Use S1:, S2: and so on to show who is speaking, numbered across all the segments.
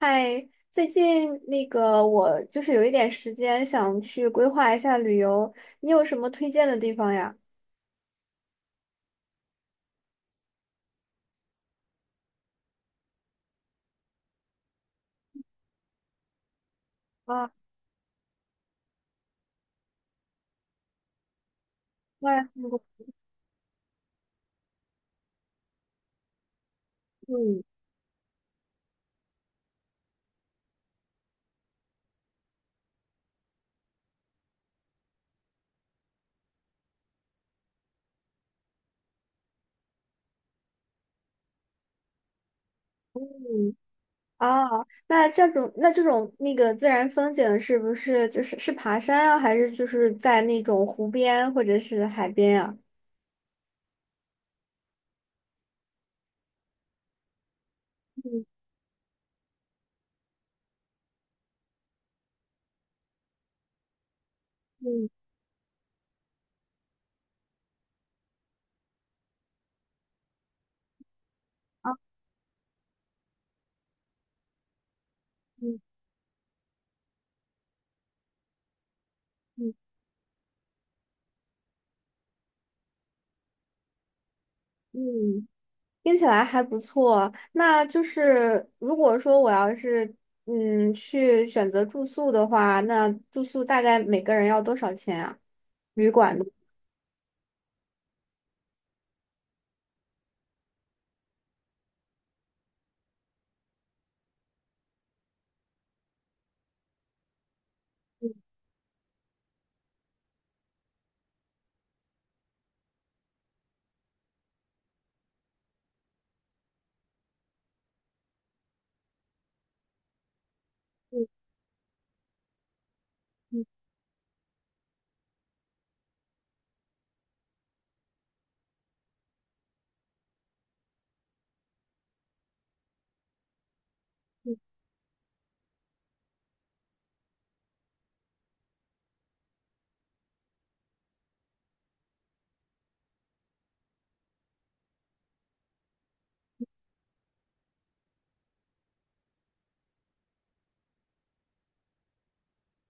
S1: 嗨，最近我就是有一点时间，想去规划一下旅游，你有什么推荐的地方呀？啊，当然看过。嗯嗯。啊，那这种自然风景是不是是爬山啊，还是就是在那种湖边或者是海边呀？嗯嗯，啊，嗯嗯嗯。听起来还不错。那就是如果说我要是去选择住宿的话，那住宿大概每个人要多少钱啊？旅馆的？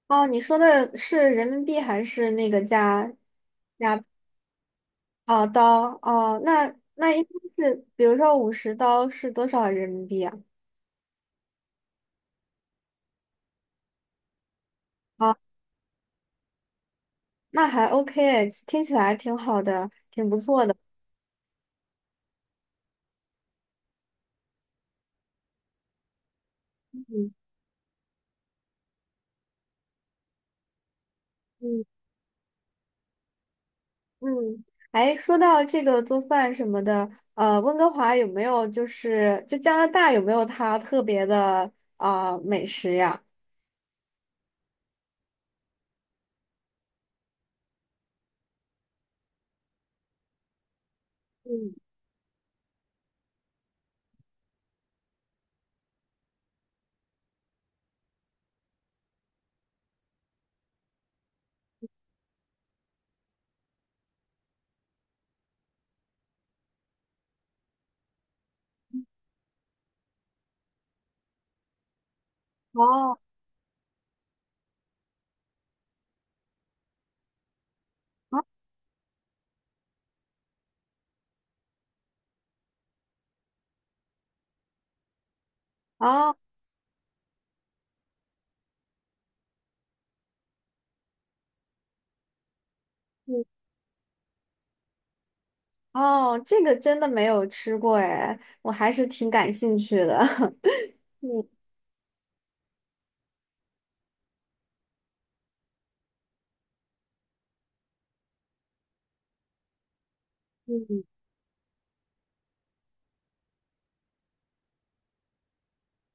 S1: 哦，你说的是人民币还是加哦，刀哦？那应该是，比如说50刀是多少人民币啊？哦，那还 OK，听起来挺好的，挺不错的。嗯嗯嗯。哎，说到这个做饭什么的，温哥华有没有就加拿大有没有它特别的啊、美食呀？嗯，哦，啊，哦，嗯，哦，这个真的没有吃过哎，我还是挺感兴趣的。嗯嗯，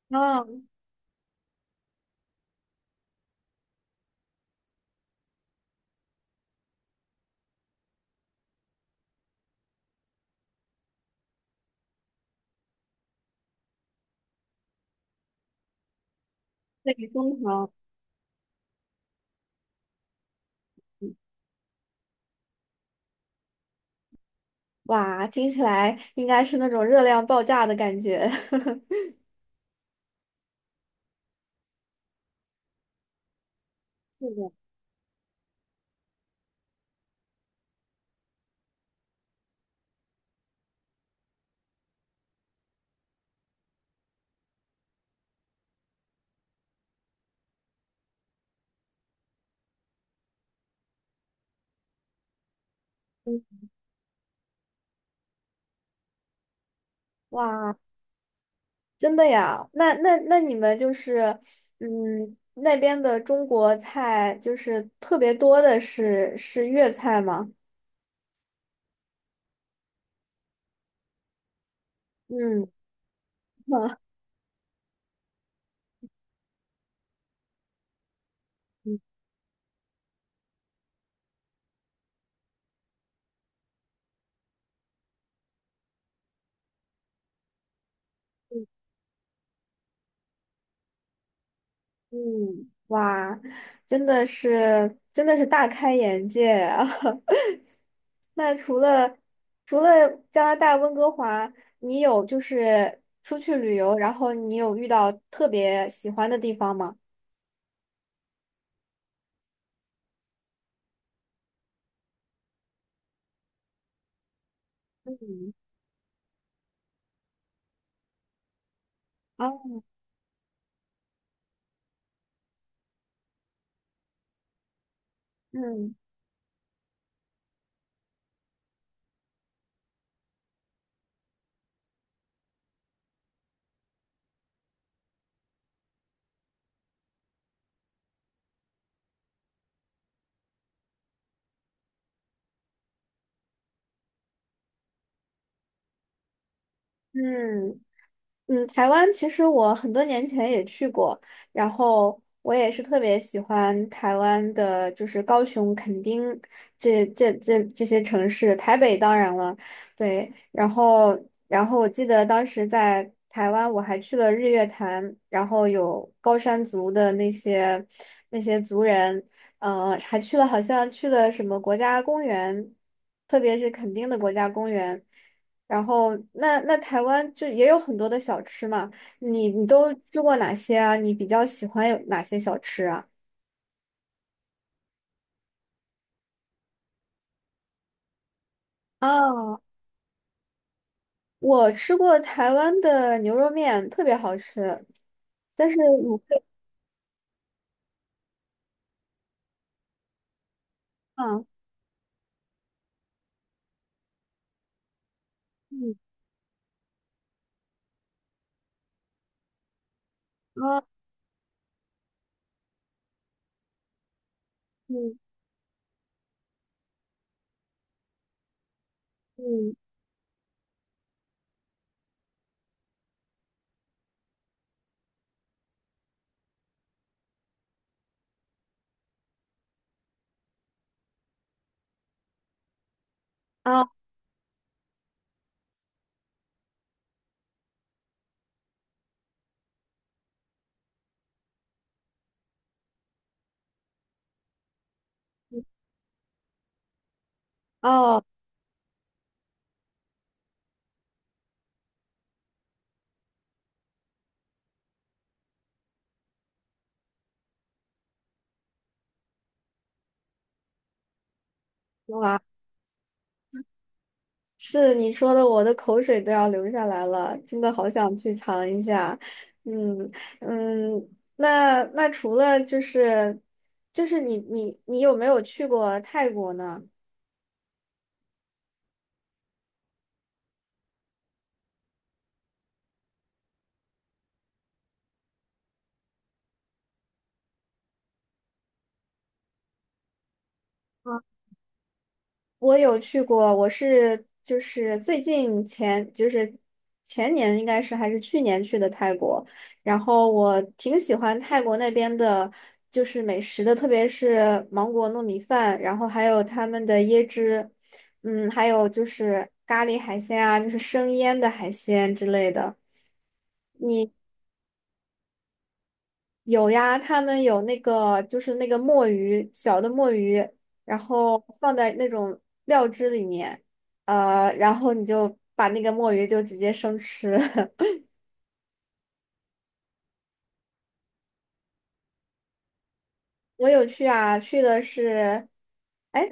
S1: 哦，对，枫糖，哇，听起来应该是那种热量爆炸的感觉。是的，嗯，哇。真的呀？那你们就是，嗯，那边的中国菜就是特别多的是粤菜吗？嗯。嗯嗯，嗯，哇，真的是真的是大开眼界啊！那除了加拿大温哥华，你有就是出去旅游，然后你有遇到特别喜欢的地方吗？嗯，哦，嗯嗯。嗯，台湾其实我很多年前也去过，然后我也是特别喜欢台湾的，就是高雄、垦丁这些城市，台北当然了。对，然后我记得当时在台湾我还去了日月潭，然后有高山族的那些族人，还去了好像去了什么国家公园，特别是垦丁的国家公园。然后那台湾就也有很多的小吃嘛，你都吃过哪些啊？你比较喜欢有哪些小吃啊？啊，我吃过台湾的牛肉面，特别好吃，但是卤配饭。嗯，啊，嗯嗯，啊，哦，哇，是你说的，我的口水都要流下来了，真的好想去尝一下。嗯嗯，那除了你有没有去过泰国呢？嗯，我有去过，我是就是最近前年应该是还是去年去的泰国，然后我挺喜欢泰国那边的，就是美食的，特别是芒果糯米饭，然后还有他们的椰汁，嗯，还有就是咖喱海鲜啊，就是生腌的海鲜之类的。有呀，他们有那个墨鱼，小的墨鱼，然后放在那种料汁里面，然后你就把那个墨鱼就直接生吃。我有去啊，去的是，哎，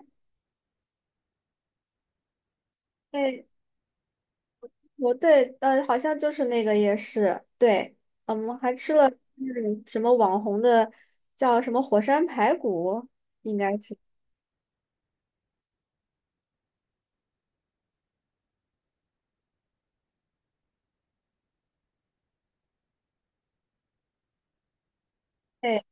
S1: 对，我对，好像就是那个夜市，对，嗯我们还吃了那种什么网红的叫什么火山排骨，应该是，对，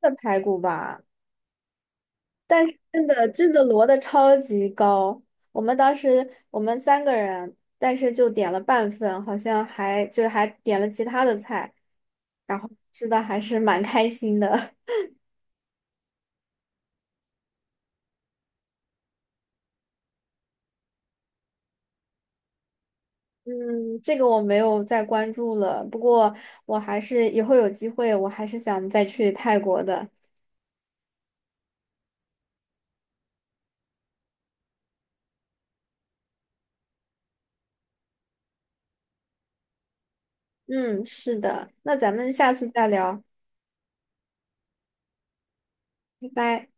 S1: 是排骨吧。但是真的真的摞的超级高，我们当时我们三个人，但是就点了半份，好像还点了其他的菜，然后吃的还是蛮开心的。嗯，这个我没有再关注了，不过我还是以后有机会，我还是想再去泰国的。嗯，是的，那咱们下次再聊，拜拜。